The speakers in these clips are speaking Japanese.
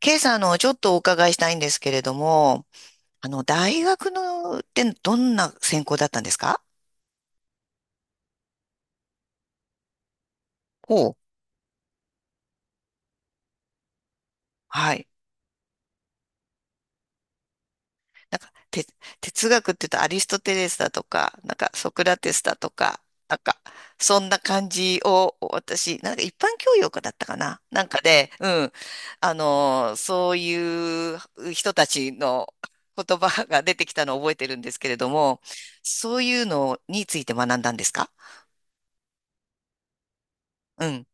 ケイさん、ちょっとお伺いしたいんですけれども、大学の、ってどんな専攻だったんですか？ほう。はい。なんか、哲学って言うとアリストテレスだとか、なんかソクラテスだとか、なんか、そんな感じを、私、なんか一般教養科だったかななんかで、うん。そういう人たちの言葉が出てきたのを覚えてるんですけれども、そういうのについて学んだんですか？うん。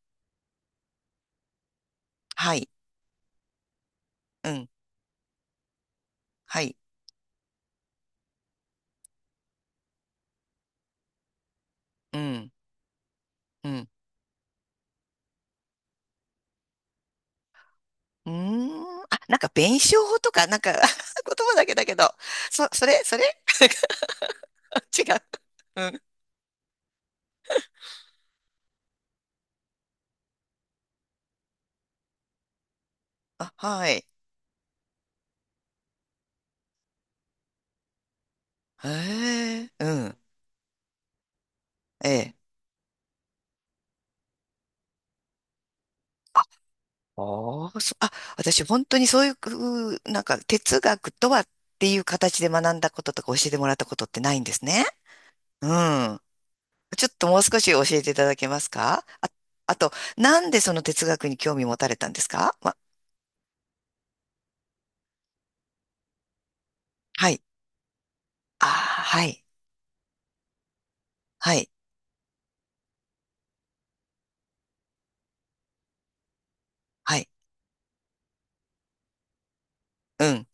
はい。うん。はい。うん、うん。うーん。あ、なんか弁証法とか、なんか 言葉だけだけど、それ 違う。うん。あ、はい。へえ、うん。ええ。あ、ああ、あ、私本当にそういう、なんか哲学とはっていう形で学んだこととか教えてもらったことってないんですね。うん。ちょっともう少し教えていただけますかあ？あと、なんでその哲学に興味持たれたんですか？ま、はい。ああ、はい。はい。はい。うん。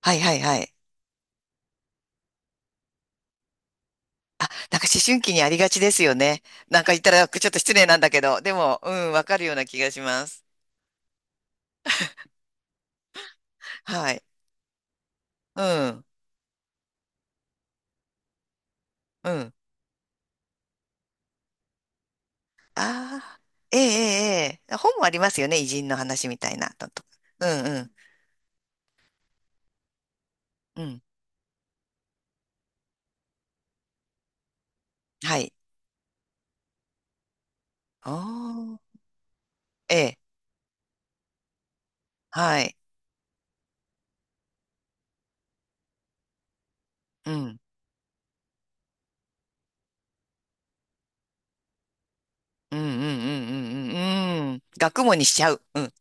はいはいはい。なんか思春期にありがちですよね。なんか言ったらちょっと失礼なんだけど、でも、うん、わかるような気がします。はい。うん、うん。ああ、ええええ、ええ本もありますよね。偉人の話みたいな。ととか、うんうん、うん。はい。あええ、はい。うん、うん、うん、うん、うん、うん。うん学問にしちゃう。うん、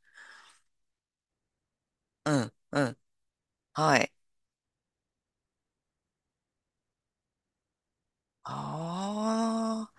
うん、うん。はい。ああ、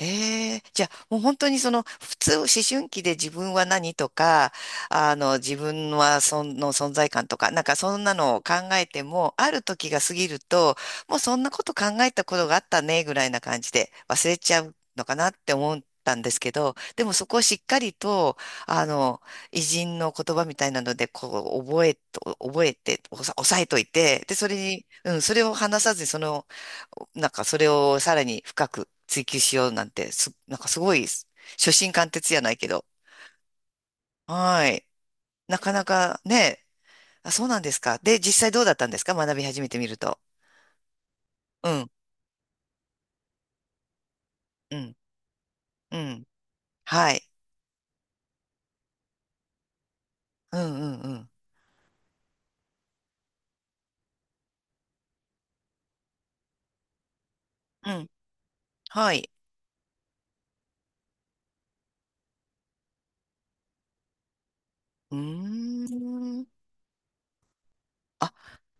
ええ、じゃあもう本当にその普通思春期で自分は何とか、自分はその存在感とか、なんかそんなのを考えても、ある時が過ぎると、もうそんなこと考えたことがあったねぐらいな感じで忘れちゃうのかなって思ったんですけど、でもそこをしっかりと、あの、偉人の言葉みたいなので、こう覚えて、抑えといて、で、それに、うん、それを話さずにその、なんかそれをさらに深く追求しようなんて、なんかすごい、初心貫徹じゃないけど。はい。なかなかね、あ、そうなんですか。で、実際どうだったんですか、学び始めてみると。うん、うん、うん。はい。うん、うん、うん。うん。はい。うーん。あ、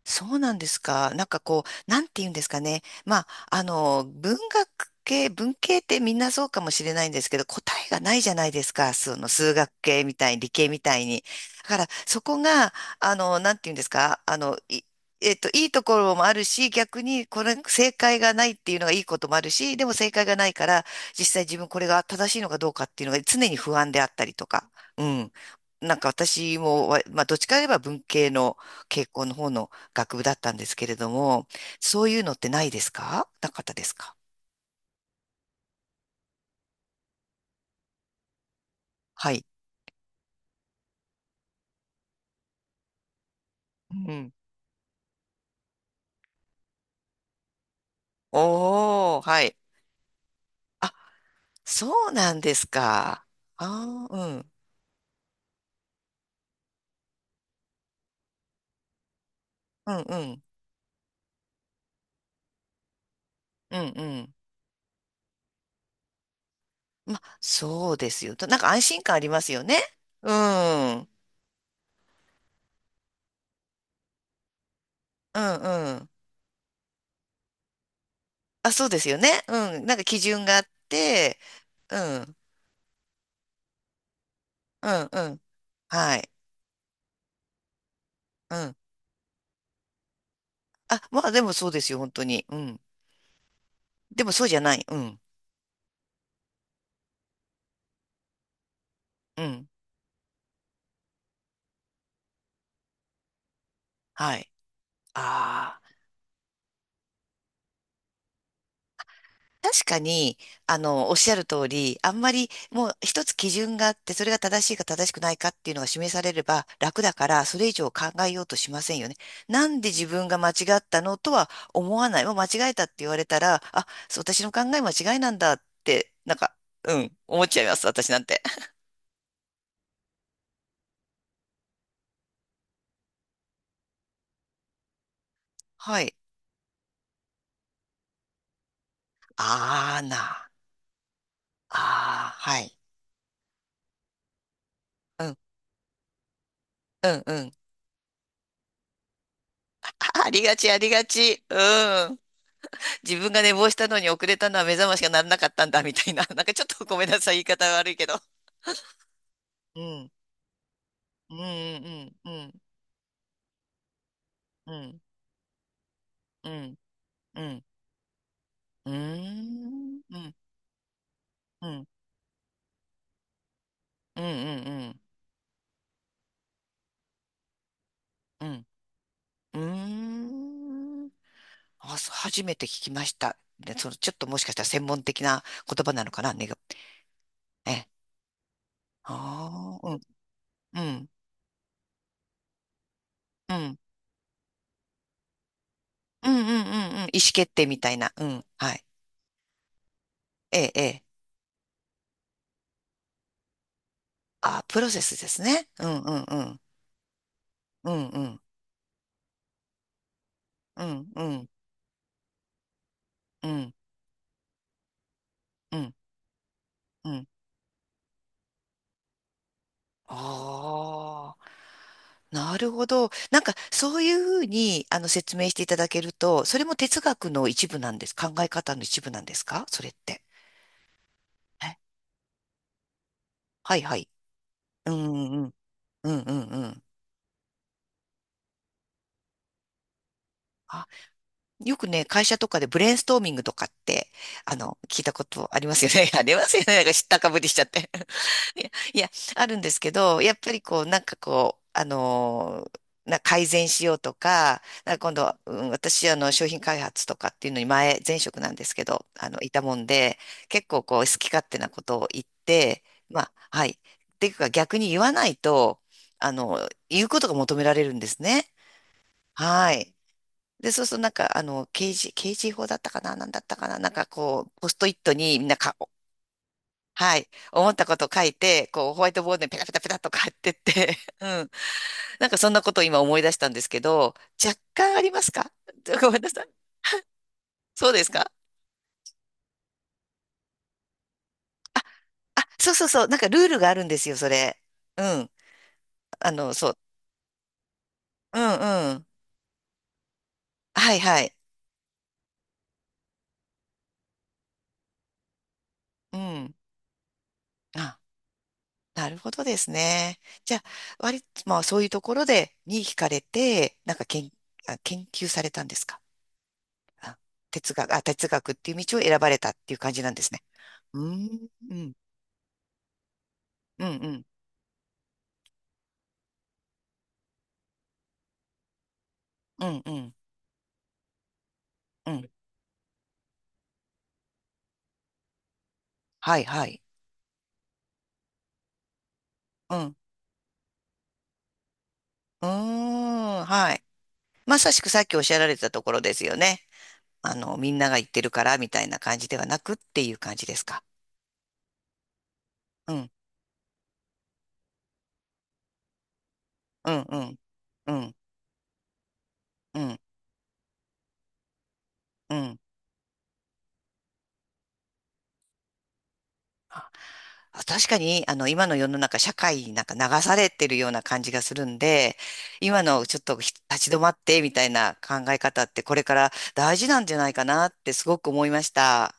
そうなんですか。なんかこう、なんて言うんですかね。まあ、文学系、文系ってみんなそうかもしれないんですけど、答えがないじゃないですか。その数学系みたいに、理系みたいに。だから、そこが、なんて言うんですか。いいところもあるし、逆に、これ、正解がないっていうのがいいこともあるし、でも正解がないから、実際自分これが正しいのかどうかっていうのが常に不安であったりとか。うん。なんか私もまあ、どっちかといえば文系の、傾向の方の学部だったんですけれども、そういうのってないですか？なかったですか？はい。うん。おー、はい。あ、そうなんですか。ああ、うん、うん、うん、うん、うん。ま、そうですよ。となんか安心感ありますよね。うん、うん、うん。あ、そうですよね。うん。なんか基準があって、うん、うん、うん。はい。うん。あ、まあでもそうですよ、本当に。うん。でもそうじゃない。うん、うん。はい。ああ。確かに、おっしゃる通り、あんまりもう一つ基準があって、それが正しいか正しくないかっていうのが示されれば楽だから、それ以上考えようとしませんよね。なんで自分が間違ったのとは思わない。もう間違えたって言われたら、あ、そう私の考え間違いなんだって、なんか、うん、思っちゃいます、私なんて。はい。あーな。あー、はい。うん、うん、うん。あありがち、ありがち。うん。自分が寝坊したのに遅れたのは目覚ましがならなかったんだみたいな。なんかちょっとごめんなさい、言い方悪いけど。うん。うんうんうんうんうんうんうんうんうんうんうんうんうんうん、あ、そう初めて聞きました。で、そのちょっともしかしたら専門的な言葉なのかな、ね、ええ。ああ、うん、うん、うん、うん、うん、うん、うん、意思決定みたいな、うん、はい。ええ、ええ。あ、プロセスですね。うん、うん、うん、うん、うん。うん、うん、うん、うん、うん。ああ、なるほど。なんか、そういうふうに、説明していただけると、それも哲学の一部なんです。考え方の一部なんですかそれって？えはいはい。うん、うん、うん、うん、うん。あ、よくね、会社とかでブレインストーミングとかって、聞いたことありますよね。ありますよね。なんか知ったかぶりしちゃって。いや、いやあるんですけど、やっぱりこう、なんかこう、あのーな改善しようとか、なんか今度は、うん、私、商品開発とかっていうのに前職なんですけど、いたもんで、結構こう、好き勝手なことを言って、まあ、はい。っていうか、逆に言わないと、言うことが求められるんですね。はい。で、そうするとなんか、刑事法だったかな、なんだったかな、なんかこう、ポストイットにみんなか、はい。思ったこと書いて、こう、ホワイトボードにペタペタペタっと書いてって、うん。なんかそんなことを今思い出したんですけど、若干ありますか？ ごめんなさい。そうですかあ？あ、そうそうそう。なんかルールがあるんですよ、それ。うん。あの、そう。うんうん。はいはい。うん。あ、なるほどですね。じゃあ、割と、まあそういうところで、に惹かれて、なんかあ研究されたんですか？あ哲学っていう道を選ばれたっていう感じなんですね。うん。うんうんうん、うん、うん、うん。はい、はい。うん、うーん、はい。まさしくさっきおっしゃられてたところですよね。みんなが言ってるからみたいな感じではなくっていう感じですか？うん、うん、うん、うん、うん、うん。あ確かに、今の世の中、社会になんか流されてるような感じがするんで、今のちょっと立ち止まってみたいな考え方って、これから大事なんじゃないかなってすごく思いました。